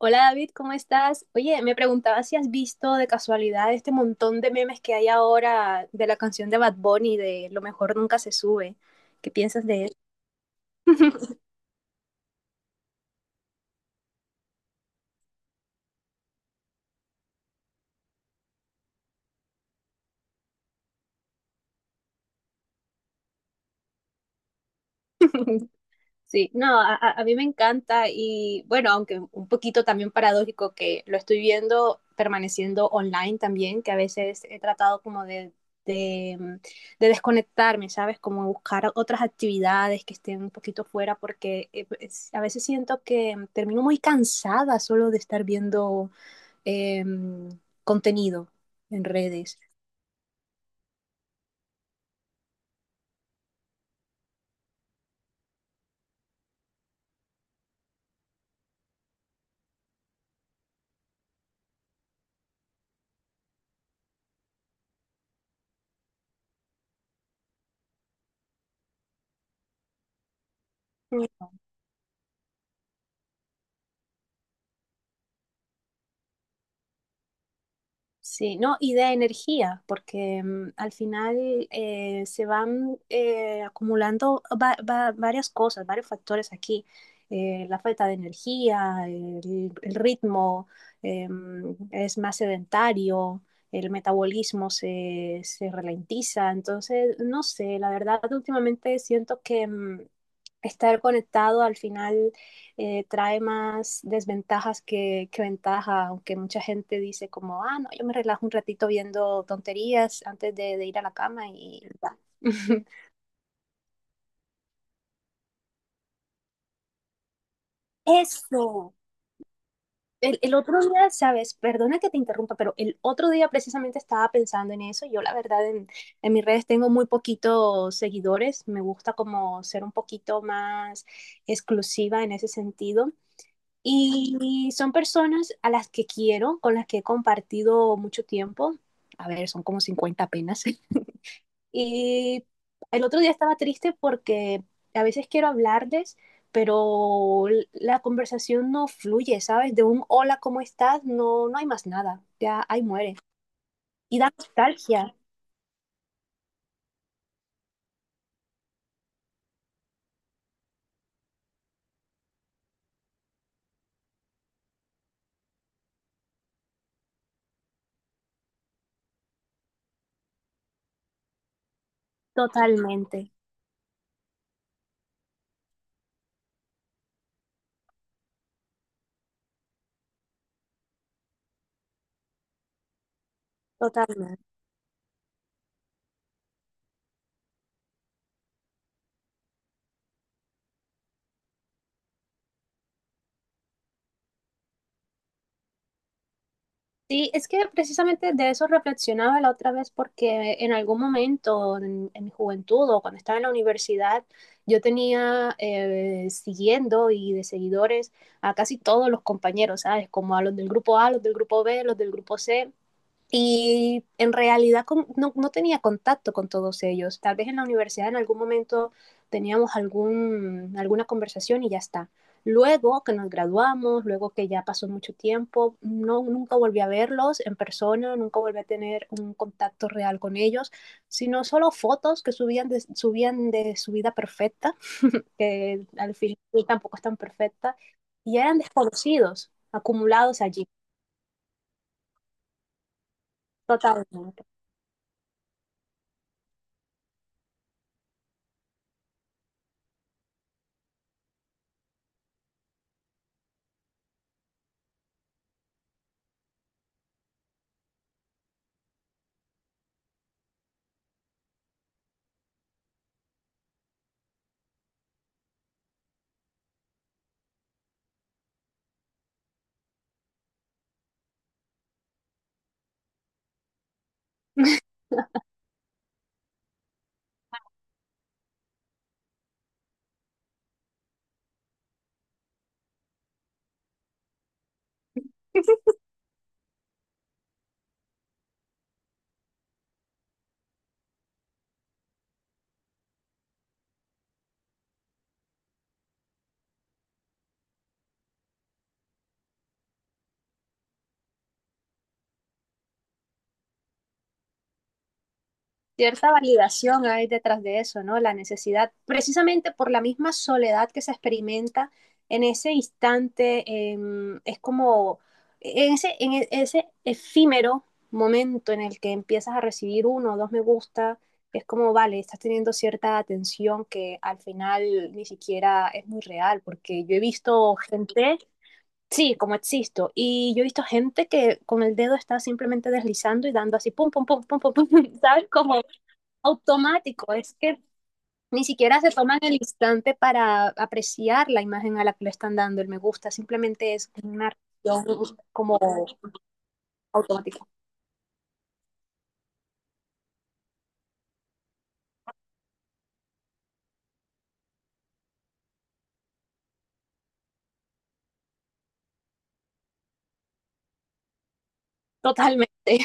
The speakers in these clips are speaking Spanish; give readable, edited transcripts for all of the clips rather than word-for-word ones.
Hola David, ¿cómo estás? Oye, me preguntaba si has visto de casualidad este montón de memes que hay ahora de la canción de Bad Bunny de Lo mejor nunca se sube. ¿Qué piensas de eso? Sí, no, a mí me encanta y bueno, aunque un poquito también paradójico que lo estoy viendo permaneciendo online también, que a veces he tratado como de, mm, de desconectarme, ¿sabes? Como buscar otras actividades que estén un poquito fuera porque a veces siento que termino muy cansada solo de estar viendo em, contenido en redes. Sí, no, y de energía, porque al final se van acumulando varias cosas, varios factores aquí. La falta de energía, el ritmo es más sedentario, el metabolismo se ralentiza. Entonces, no sé, la verdad, últimamente siento que estar conectado al final trae más desventajas que ventaja, aunque mucha gente dice como, ah, no, yo me relajo un ratito viendo tonterías antes de ir a la cama y ya. Eso. El otro día, sabes, perdona que te interrumpa, pero el otro día precisamente estaba pensando en eso. Yo la verdad en mis redes tengo muy poquitos seguidores. Me gusta como ser un poquito más exclusiva en ese sentido. Y son personas a las que quiero, con las que he compartido mucho tiempo. A ver, son como 50 apenas. Y el otro día estaba triste porque a veces quiero hablarles, pero la conversación no fluye, ¿sabes? De un hola, ¿cómo estás? No, no hay más nada. Ya ahí muere. Y da nostalgia. Totalmente, totalmente. Sí, es que precisamente de eso reflexionaba la otra vez porque en algún momento en mi juventud o cuando estaba en la universidad, yo tenía siguiendo y de seguidores a casi todos los compañeros, ¿sabes? Como a los del grupo A, los del grupo B, los del grupo C. Y en realidad no, no tenía contacto con todos ellos. Tal vez en la universidad en algún momento teníamos algún, alguna conversación y ya está. Luego que nos graduamos, luego que ya pasó mucho tiempo, no, nunca volví a verlos en persona, nunca volví a tener un contacto real con ellos, sino solo fotos que subían de su vida perfecta, que al final tampoco es tan perfecta, y eran desconocidos, acumulados allí, totalmente. Cierta validación hay detrás de eso, ¿no? La necesidad, precisamente por la misma soledad que se experimenta en ese instante, es como en ese, en e- ese efímero momento en el que empiezas a recibir uno o dos me gusta, es como, vale, estás teniendo cierta atención que al final ni siquiera es muy real, porque yo he visto gente, sí, como existo, y yo he visto gente que con el dedo está simplemente deslizando y dando así, pum, pum, pum, pum, pum, pum, ¿sabes? Como automático, es que ni siquiera se toman el instante para apreciar la imagen a la que le están dando el me gusta, simplemente es una reacción como automática, totalmente.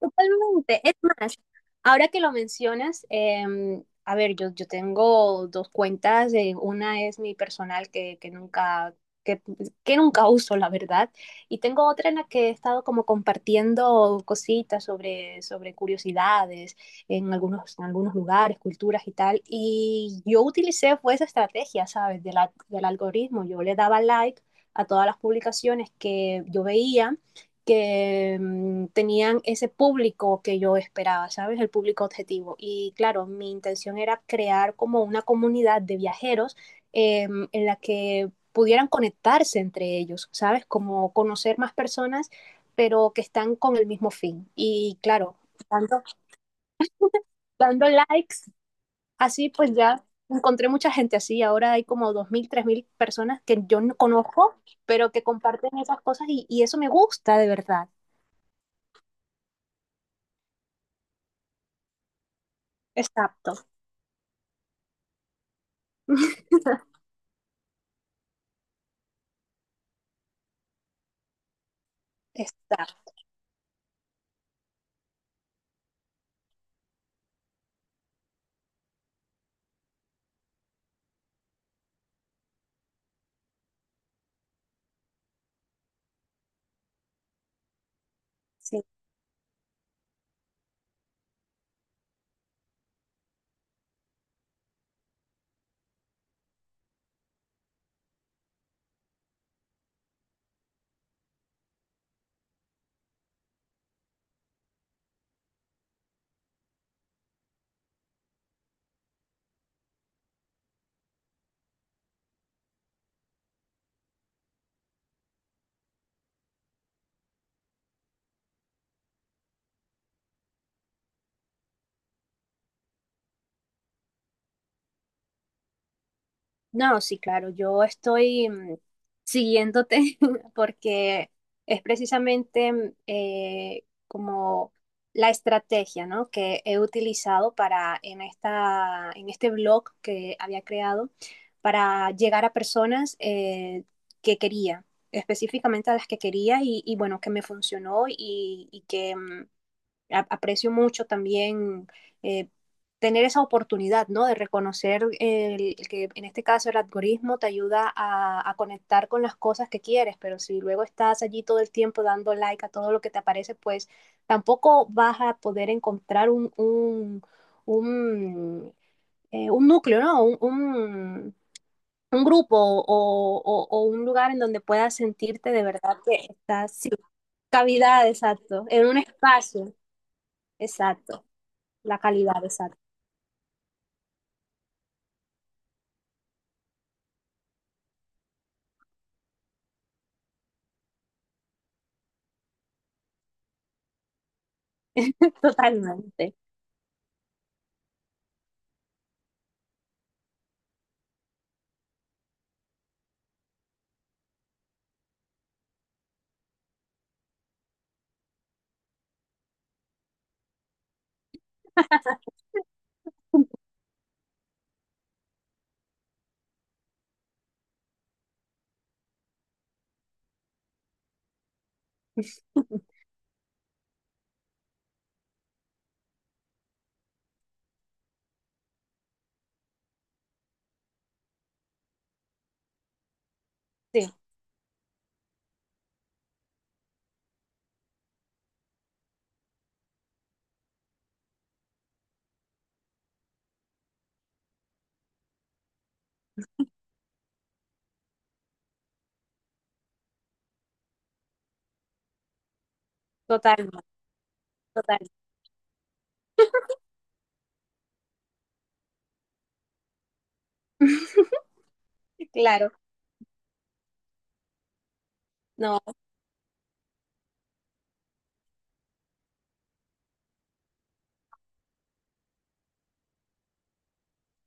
Totalmente. Es más, ahora que lo mencionas, a ver, yo tengo dos cuentas. Una es mi personal que, que nunca uso, la verdad. Y tengo otra en la que he estado como compartiendo cositas sobre curiosidades en algunos lugares, culturas y tal. Y yo utilicé fue esa estrategia, ¿sabes? Del algoritmo. Yo le daba like a todas las publicaciones que yo veía que tenían ese público que yo esperaba, ¿sabes? El público objetivo. Y claro, mi intención era crear como una comunidad de viajeros en la que pudieran conectarse entre ellos, ¿sabes? Como conocer más personas, pero que están con el mismo fin. Y claro, dando, dando likes, así pues ya encontré mucha gente así. Ahora hay como 2.000, 3.000 personas que yo no conozco, pero que comparten esas cosas y eso me gusta de verdad. Exacto. Exacto, sí. No, sí, claro, yo estoy siguiéndote porque es precisamente como la estrategia, ¿no? que he utilizado para en esta, en este blog que había creado para llegar a personas que quería, específicamente a las que quería y bueno, que me funcionó y que aprecio mucho también eh, tener esa oportunidad, ¿no? De reconocer el que en este caso el algoritmo te ayuda a conectar con las cosas que quieres, pero si luego estás allí todo el tiempo dando like a todo lo que te aparece, pues tampoco vas a poder encontrar un, un núcleo, ¿no? Un grupo o un lugar en donde puedas sentirte de verdad que estás, sí, cavidad, exacto, en un espacio, exacto. La calidad, exacto. Totalmente. Sí, totalmente, totalmente. Claro. No,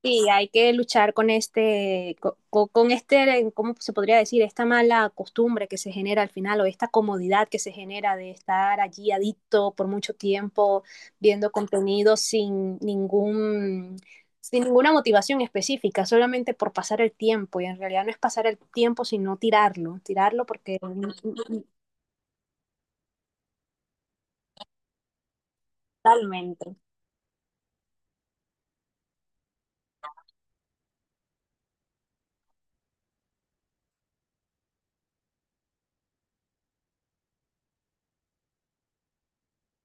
sí, hay que luchar con este, co- co- con, este, ¿cómo se podría decir? Esta mala costumbre que se genera al final o esta comodidad que se genera de estar allí adicto por mucho tiempo, viendo contenido sin ningún, sin ninguna motivación específica, solamente por pasar el tiempo. Y en realidad no es pasar el tiempo, sino tirarlo, tirarlo porque mm, totalmente.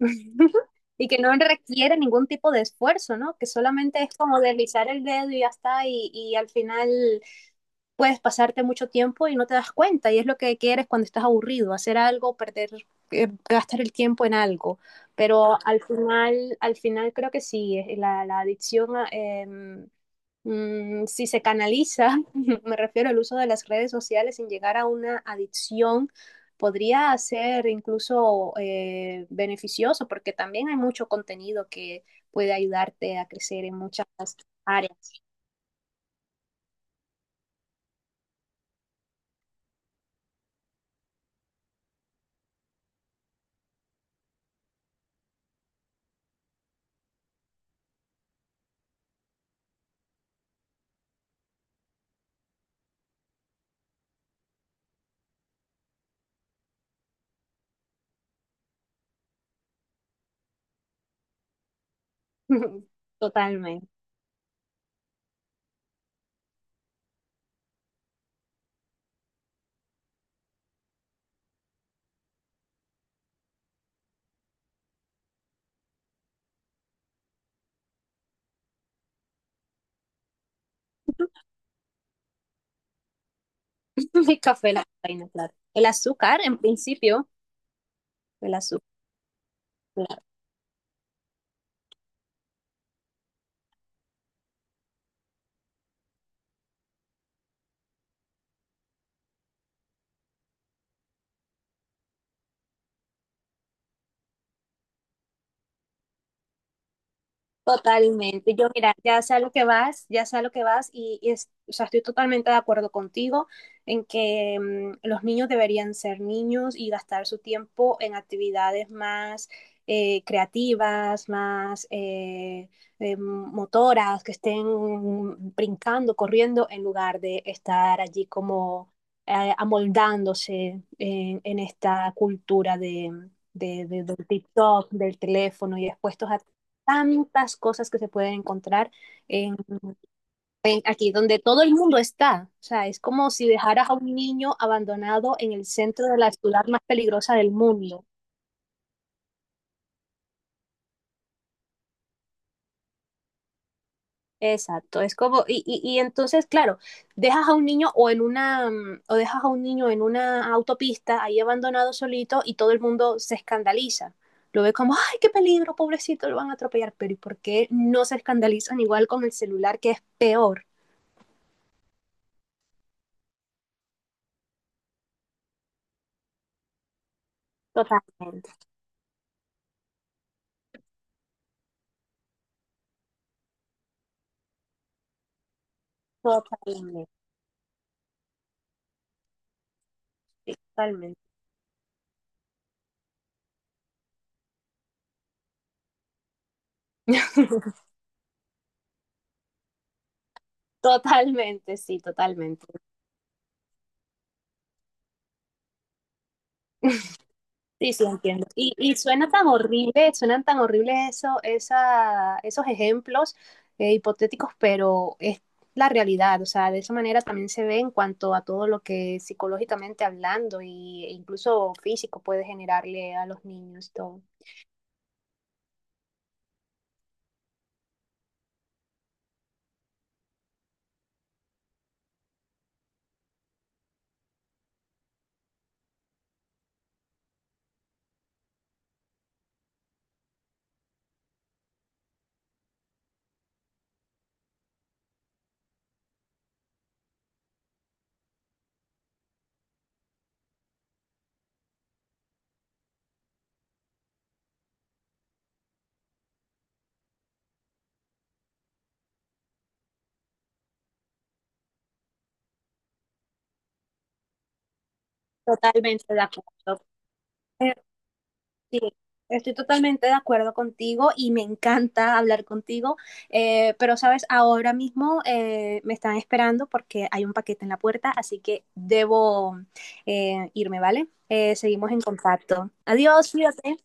Y que no requiere ningún tipo de esfuerzo, ¿no? Que solamente es como deslizar el dedo y ya está, y al final puedes pasarte mucho tiempo y no te das cuenta, y es lo que quieres cuando estás aburrido, hacer algo, perder, gastar el tiempo en algo. Pero al final creo que sí, la adicción a, si se canaliza, me refiero al uso de las redes sociales sin llegar a una adicción, podría ser incluso beneficioso porque también hay mucho contenido que puede ayudarte a crecer en muchas áreas. Totalmente. Mi café, la cafeína, claro. El azúcar, en principio, el azúcar. Totalmente. Yo, mira, ya sé a lo que vas, ya sé a lo que vas o sea, estoy totalmente de acuerdo contigo en que los niños deberían ser niños y gastar su tiempo en actividades más creativas, más motoras, que estén brincando, corriendo, en lugar de estar allí como amoldándose en esta cultura del TikTok, del teléfono y expuestos a tantas cosas que se pueden encontrar en, aquí, donde todo el mundo está. O sea, es como si dejaras a un niño abandonado en el centro de la ciudad más peligrosa del mundo. Exacto, es como, y entonces, claro, dejas a un niño o dejas a un niño en una autopista ahí abandonado solito y todo el mundo se escandaliza. Lo ve como, ay, qué peligro, pobrecito, lo van a atropellar. Pero ¿y por qué no se escandalizan igual con el celular que es peor? Totalmente, totalmente. Sí, totalmente. Totalmente. Sí, sí, entiendo. Y suena tan horrible, suenan tan horribles eso, esa, esos ejemplos hipotéticos, pero es la realidad. O sea, de esa manera también se ve en cuanto a todo lo que psicológicamente hablando y, e incluso físico puede generarle a los niños y todo. Totalmente de acuerdo. Sí, estoy totalmente de acuerdo contigo y me encanta hablar contigo, pero sabes, ahora mismo me están esperando porque hay un paquete en la puerta, así que debo irme, ¿vale? Seguimos en contacto. Adiós, cuídate.